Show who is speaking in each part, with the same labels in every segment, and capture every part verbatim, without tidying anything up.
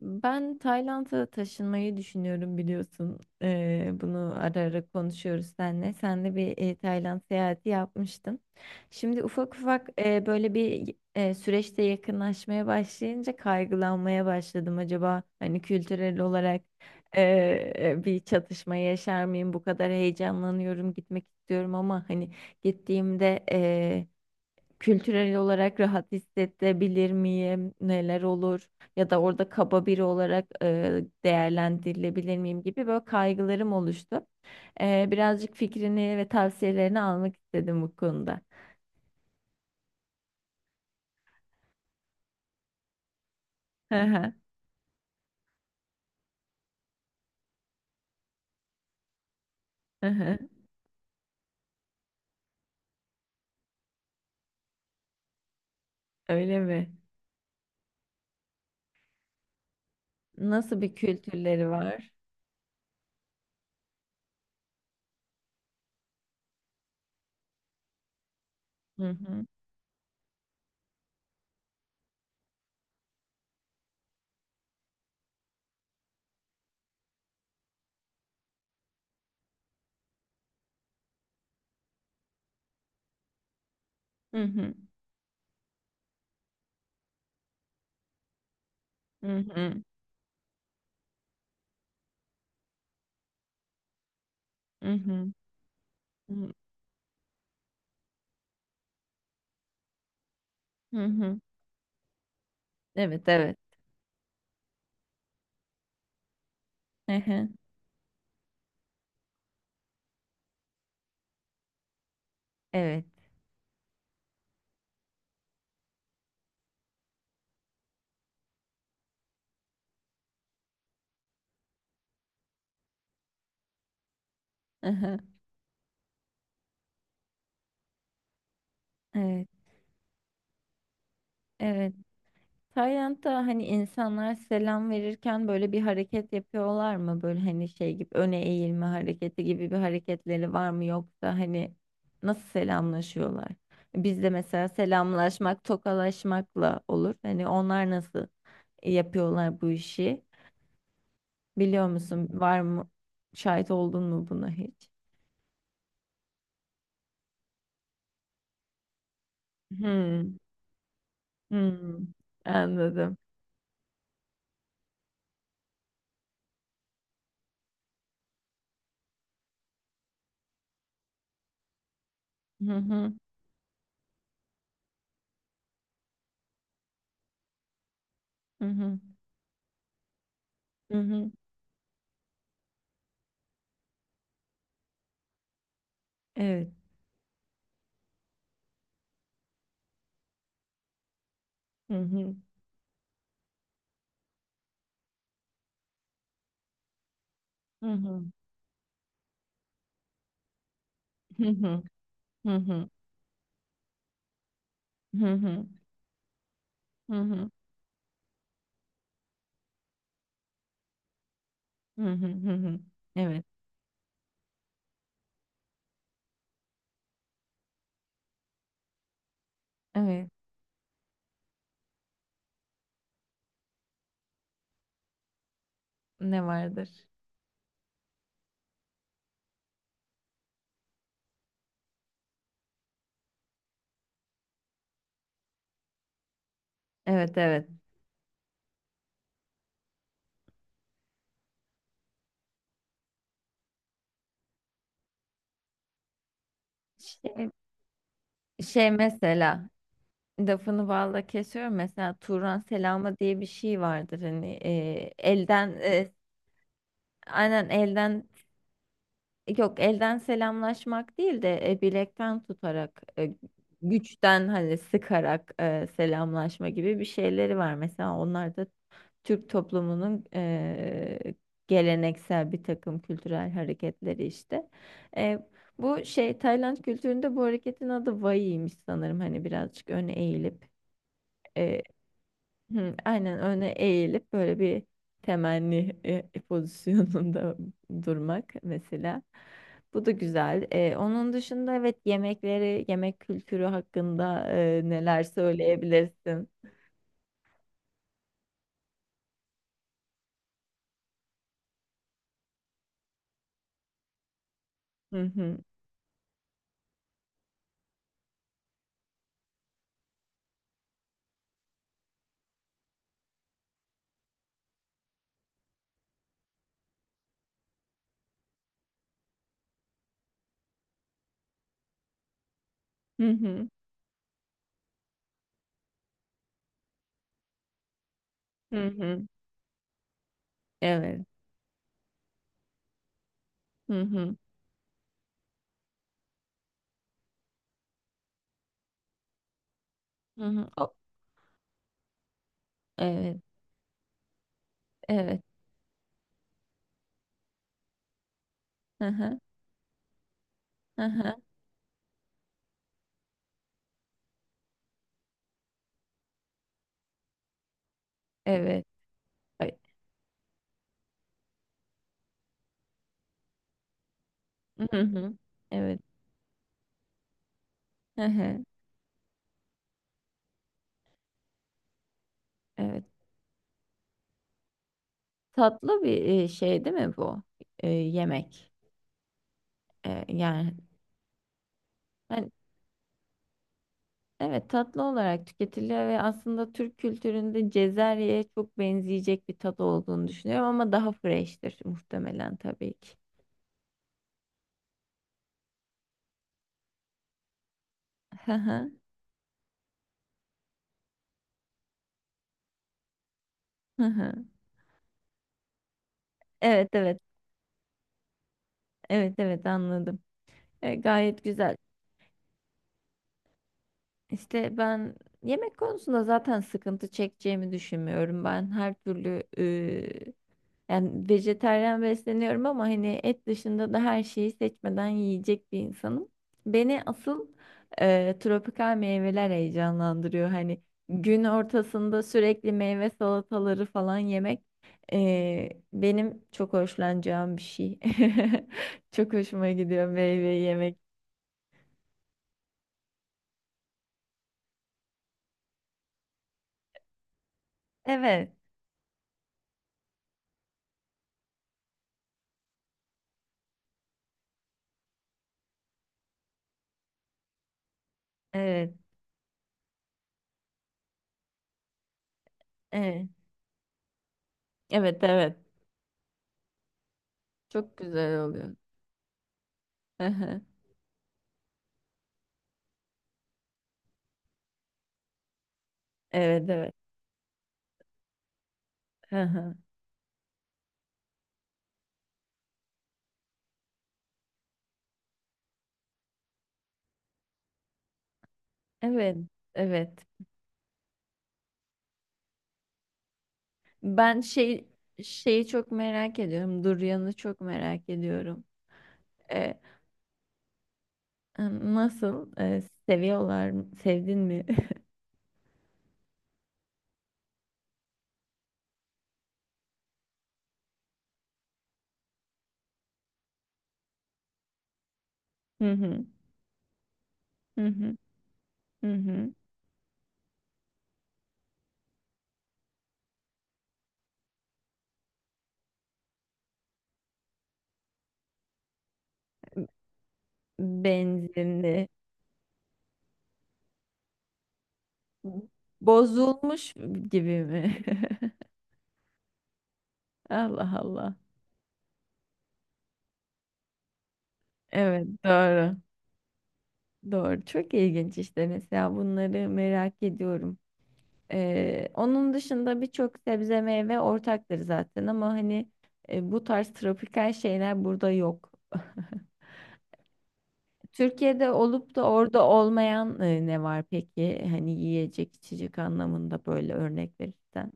Speaker 1: Ben Tayland'a taşınmayı düşünüyorum biliyorsun. Ee, bunu ara ara konuşuyoruz seninle. Sen de bir e, Tayland seyahati yapmıştın. Şimdi ufak ufak e, böyle bir e, süreçte yakınlaşmaya başlayınca kaygılanmaya başladım. Acaba hani kültürel olarak e, bir çatışma yaşar mıyım? Bu kadar heyecanlanıyorum, gitmek istiyorum ama hani gittiğimde. Kültürel olarak rahat hissedebilir miyim? Neler olur? Ya da orada kaba biri olarak e, değerlendirilebilir miyim gibi böyle kaygılarım oluştu. E, birazcık fikrini ve tavsiyelerini almak istedim bu konuda. Hı hı, hı hı. Öyle mi? Nasıl bir kültürleri var? Hı hı. Hı hı. Hı hı. Hı hı. Hı hı. Evet, evet. Hı hı. Evet. Hı hı. Evet. Evet. Tayland'da hani insanlar selam verirken böyle bir hareket yapıyorlar mı? Böyle hani şey gibi öne eğilme hareketi gibi bir hareketleri var mı, yoksa hani nasıl selamlaşıyorlar? Bizde mesela selamlaşmak tokalaşmakla olur. Hani onlar nasıl yapıyorlar bu işi? Biliyor musun? Var mı? Şahit oldun mu buna hiç? Hmm, hmm, anladım. Hı hı, hı hı, hı hı. Evet. Hı hı, hı hı, hı hı, hı hı. Hı hı. Hı hı. Hı hı. Hı hı. Evet. Evet. Ne vardır? Evet, evet. Şey, şey mesela lafını balla kesiyorum, mesela Turan selamı diye bir şey vardır hani, e, elden e, aynen elden, yok, elden selamlaşmak değil de e, bilekten tutarak e, güçten hani sıkarak e, selamlaşma gibi bir şeyleri var mesela, onlar da Türk toplumunun eee, geleneksel bir takım kültürel hareketleri işte. Eee, Bu şey Tayland kültüründe bu hareketin adı Vai'ymiş sanırım. Hani birazcık öne eğilip eee, hı, aynen öne eğilip böyle bir temenni e, pozisyonunda durmak mesela. Bu da güzel. Eee, onun dışında evet, yemekleri, yemek kültürü hakkında eee, neler söyleyebilirsin? Hı hı. Hı hı. Hı hı. Evet. Hı hı. Hı hı. O- Evet, evet. Hı hı. Hı hı. Evet. Ay, hı hı. Evet. Hı hı. Evet. Tatlı bir e, şey değil mi bu? E, yemek. E, yani hani, evet, tatlı olarak tüketiliyor ve aslında Türk kültüründe Cezerye'ye çok benzeyecek bir tadı olduğunu düşünüyorum, ama daha fresh'tir muhtemelen tabii ki. Hı hı. Hı hı. Evet, evet. Evet, evet, anladım. E, gayet güzel. İşte ben yemek konusunda zaten sıkıntı çekeceğimi düşünmüyorum. Ben her türlü eee, yani vejetaryen besleniyorum, ama hani et dışında da her şeyi seçmeden yiyecek bir insanım. Beni asıl eee, tropikal meyveler heyecanlandırıyor. Hani gün ortasında sürekli meyve salataları falan yemek eee, benim çok hoşlanacağım bir şey. Çok hoşuma gidiyor meyve yemek. Evet, evet, evet. Evet, evet. Çok güzel oluyor. Hı hı. Evet, evet. Hı hı. Evet, evet. Ben şey şeyi çok merak ediyorum. Duryan'ı çok merak ediyorum. E, Nasıl, E, seviyorlar mı? Sevdin mi? Hı hı. Hı hı. Hı hı. Benzinli. Bozulmuş gibi mi? Allah Allah. Evet, doğru. Doğru. Çok ilginç işte, mesela bunları merak ediyorum. Ee, onun dışında birçok sebze meyve ortaktır zaten, ama hani e, bu tarz tropikal şeyler burada yok. Türkiye'de olup da orada olmayan e, ne var peki? Hani yiyecek içecek anlamında böyle örnek verirsen.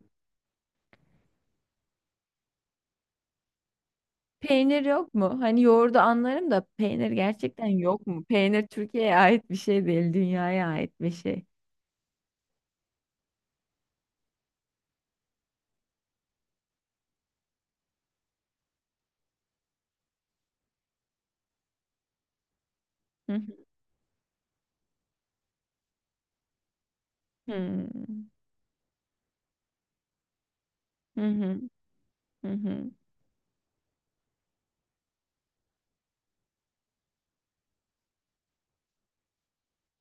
Speaker 1: Peynir yok mu? Hani yoğurdu anlarım da peynir gerçekten yok mu? Peynir Türkiye'ye ait bir şey değil, dünyaya ait bir şey. Hı hı. Hı Hı hı. Hı hı.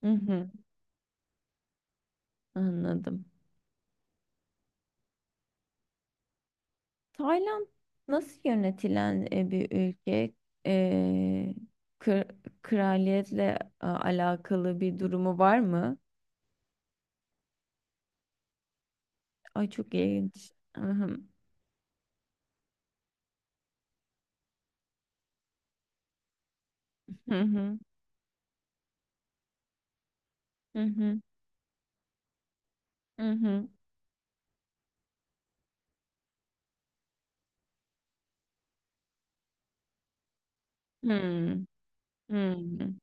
Speaker 1: Hı hı. Anladım. Tayland nasıl yönetilen e, bir ülke? E, kır- Kraliyetle e, alakalı bir durumu var mı? Ay çok ilginç. Hı hı, hı hı, hı hı, hı hı, hı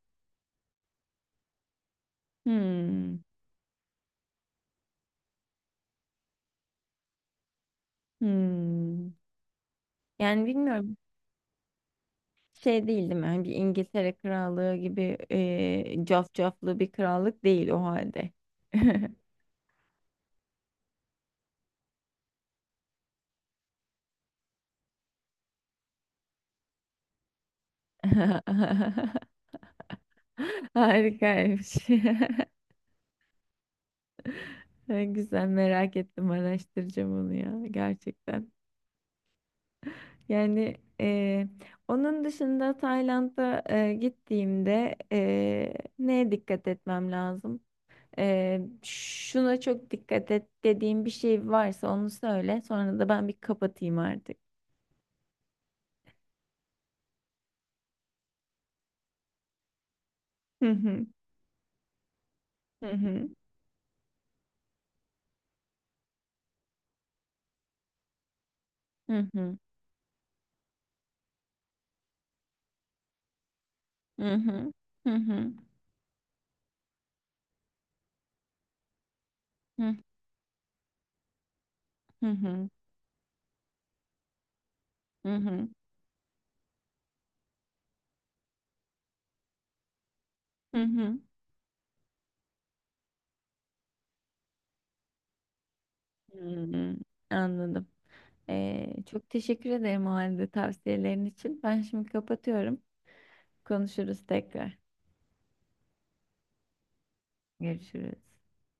Speaker 1: hı. Hı. Yani bilmiyorum, şey değil değil mi? Hani bir İngiltere krallığı gibi e, cafcaflı bir krallık değil o halde. Harikaymış. Ay, güzel, merak ettim, araştıracağım onu ya gerçekten. Yani e, onun dışında Tayland'a e, gittiğimde e, neye dikkat etmem lazım? E, şuna çok dikkat et dediğim bir şey varsa onu söyle. Sonra da ben bir kapatayım artık. Hı hı. Hı hı. Hı hı, hı hı, hı hı, hı hı, hı hı, hı hı, hı hı. Anladım. Ee, çok teşekkür ederim o halde tavsiyelerin için. Ben şimdi kapatıyorum. Konuşuruz tekrar. Görüşürüz.